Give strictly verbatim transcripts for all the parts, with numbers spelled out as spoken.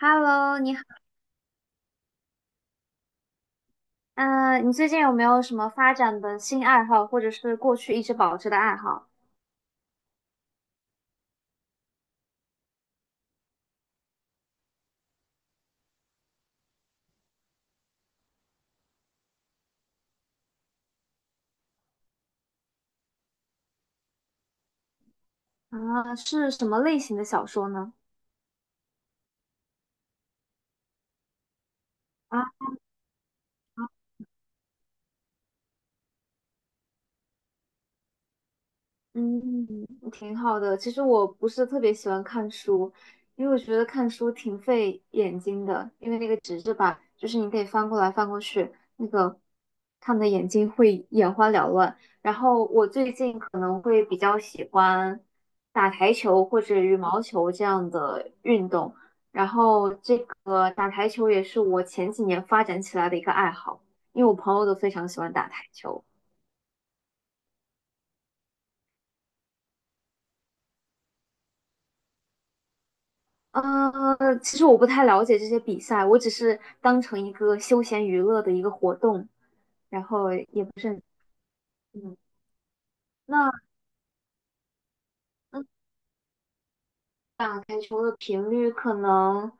Hello，你好，嗯，你最近有没有什么发展的新爱好，或者是过去一直保持的爱好？啊，是什么类型的小说呢？啊。啊。嗯，挺好的。其实我不是特别喜欢看书，因为我觉得看书挺费眼睛的，因为那个纸质版，就是你可以翻过来翻过去，那个看的眼睛会眼花缭乱。然后我最近可能会比较喜欢打台球或者羽毛球这样的运动，然后这个打台球也是我前几年发展起来的一个爱好，因为我朋友都非常喜欢打台球。呃，其实我不太了解这些比赛，我只是当成一个休闲娱乐的一个活动，然后也不是很，嗯，那那打台球的频率可能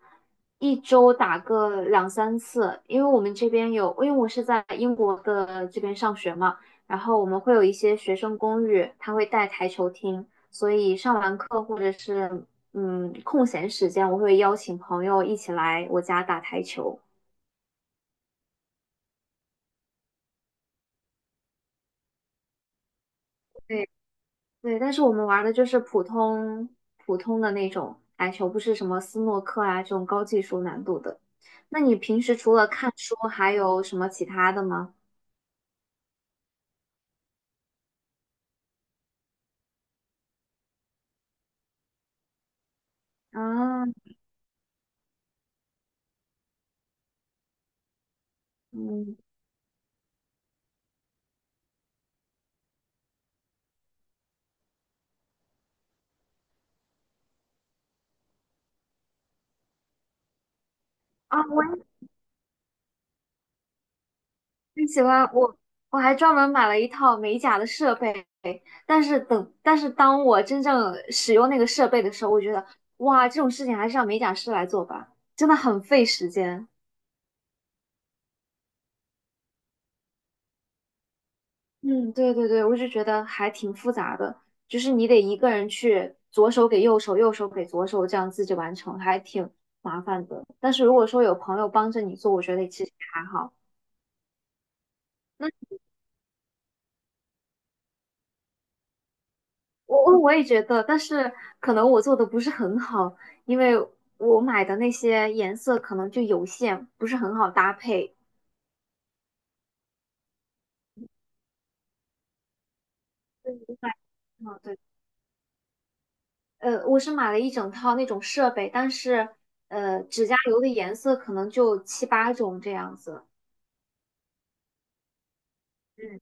一周打个两三次，因为我们这边有，因为我是在英国的这边上学嘛，然后我们会有一些学生公寓，他会带台球厅，所以上完课或者是嗯空闲时间，我会邀请朋友一起来我家打台球。对对，但是我们玩的就是普通普通的那种台球，不是什么斯诺克啊这种高技术难度的。那你平时除了看书，还有什么其他的吗？啊。嗯。啊，我也很喜欢，我我还专门买了一套美甲的设备，但是等，但是当我真正使用那个设备的时候，我觉得，哇，这种事情还是让美甲师来做吧，真的很费时间。嗯，对对对，我就觉得还挺复杂的，就是你得一个人去左手给右手，右手给左手，这样自己完成，还挺麻烦的。但是如果说有朋友帮着你做，我觉得其实还好。那我我我也觉得，但是可能我做的不是很好，因为我买的那些颜色可能就有限，不是很好搭配。对。我买哦，对，呃，我是买了一整套那种设备，但是呃，指甲油的颜色可能就七八种这样子。嗯。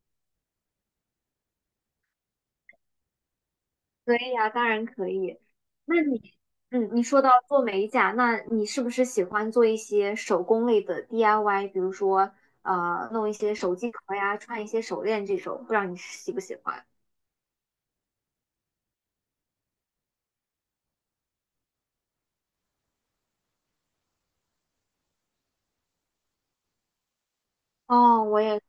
可以呀，当然可以。那你，嗯，你说到做美甲，那你是不是喜欢做一些手工类的 D I Y？比如说，呃，弄一些手机壳呀，串一些手链这种，不知道你喜不喜欢？哦，我也，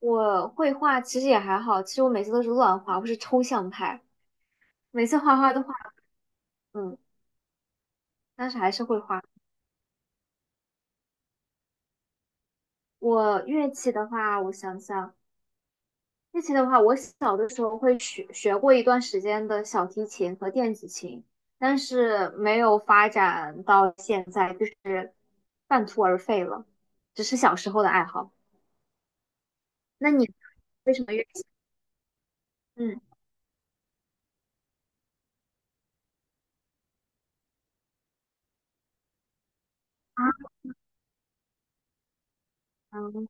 我绘画其实也还好，其实我每次都是乱画，我是抽象派，每次画画都画，嗯，但是还是会画。我乐器的话，我想想。乐器的话，我小的时候会学学过一段时间的小提琴和电子琴，但是没有发展到现在，就是半途而废了，只是小时候的爱好。那你为什么乐器？嗯。啊。嗯。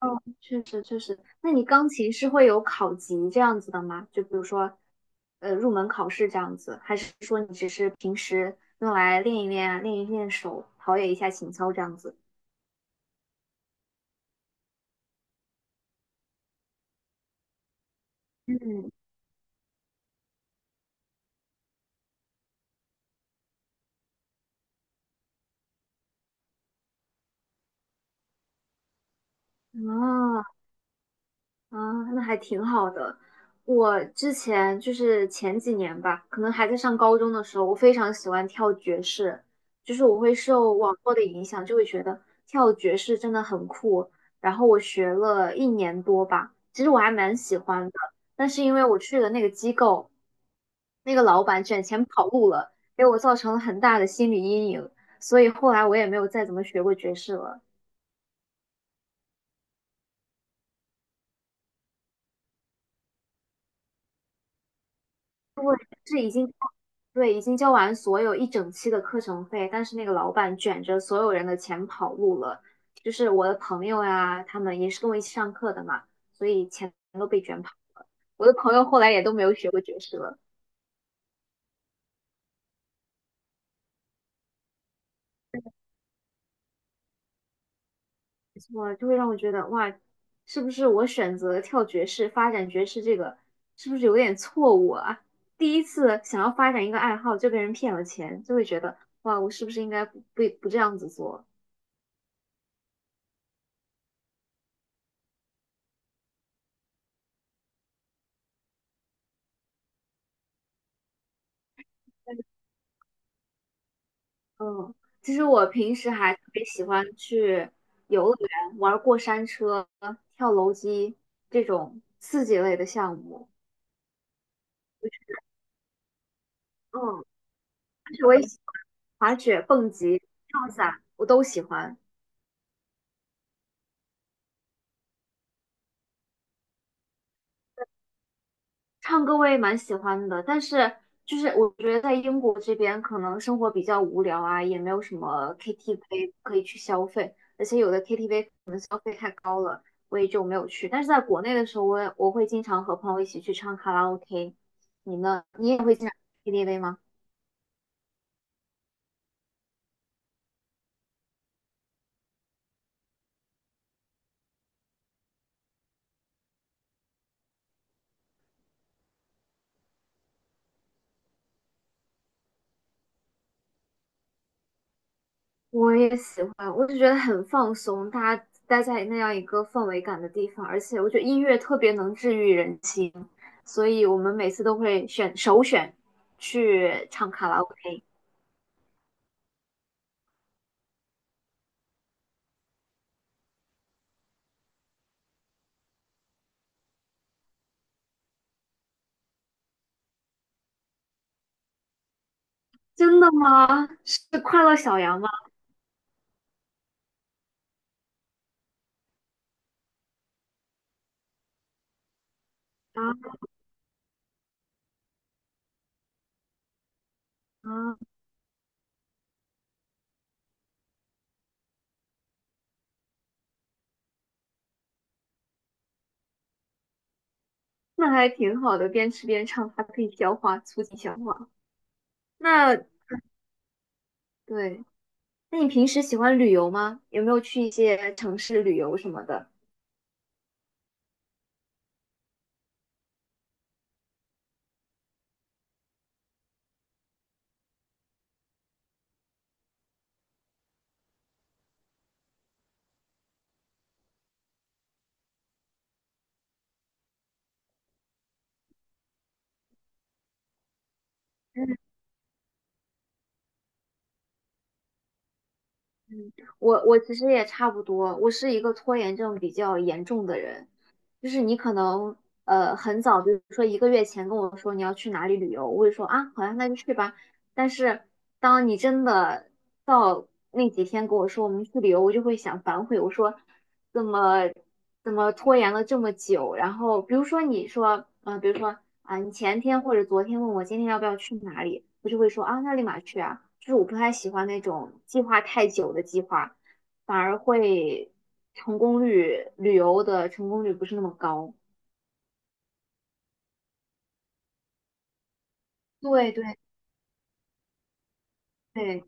哦，确实确实。那你钢琴是会有考级这样子的吗？就比如说，呃，入门考试这样子，还是说你只是平时用来练一练啊、练一练手，陶冶一下情操这样子？嗯。啊。啊，那还挺好的。我之前就是前几年吧，可能还在上高中的时候，我非常喜欢跳爵士，就是我会受网络的影响，就会觉得跳爵士真的很酷。然后我学了一年多吧，其实我还蛮喜欢的，但是因为我去的那个机构，那个老板卷钱跑路了，给我造成了很大的心理阴影，所以后来我也没有再怎么学过爵士了。是已经对已经交完所有一整期的课程费，但是那个老板卷着所有人的钱跑路了，就是我的朋友呀、他们也是跟我一起上课的嘛，所以钱都被卷跑。我的朋友后来也都没有学过爵士了，我就会让我觉得哇，是不是我选择跳爵士、发展爵士这个是不是有点错误啊？第一次想要发展一个爱好就被人骗了钱，就会觉得哇，我是不是应该不不不这样子做？嗯，其实我平时还特别喜欢去游乐园玩过山车、跳楼机这种刺激类的项目，嗯，而且我也喜欢滑雪、蹦极、跳伞，我都喜欢。唱歌我也蛮喜欢的，但是就是我觉得在英国这边可能生活比较无聊啊，也没有什么 K T V 可以去消费，而且有的 K T V 可能消费太高了，我也就没有去。但是在国内的时候，我也我会经常和朋友一起去唱卡拉 OK。你呢？你也会经常去 K T V 吗？我也喜欢，我就觉得很放松，大家待在那样一个氛围感的地方，而且我觉得音乐特别能治愈人心，所以我们每次都会选首选去唱卡拉 OK。真的吗？是快乐小羊吗？啊。啊，那还挺好的，边吃边唱，还可以消化，促进消化。那对，那你平时喜欢旅游吗？有没有去一些城市旅游什么的？嗯，我我其实也差不多，我是一个拖延症比较严重的人。就是你可能呃很早，比如说一个月前跟我说你要去哪里旅游，我会说啊，好呀，那就去吧。但是当你真的到那几天跟我说我们去旅游，我就会想反悔，我说怎么怎么拖延了这么久？然后比如说你说，嗯、比如说啊，你前天或者昨天问我今天要不要去哪里，我就会说啊，那立马去啊。就是我不太喜欢那种计划太久的计划。反而会成功率，旅游的成功率不是那么高。对对对，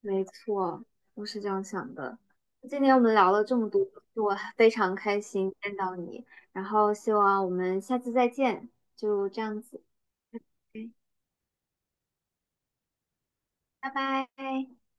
没错，我是这样想的。今天我们聊了这么多，我非常开心见到你，然后希望我们下次再见，就这样子，嗯。拜拜。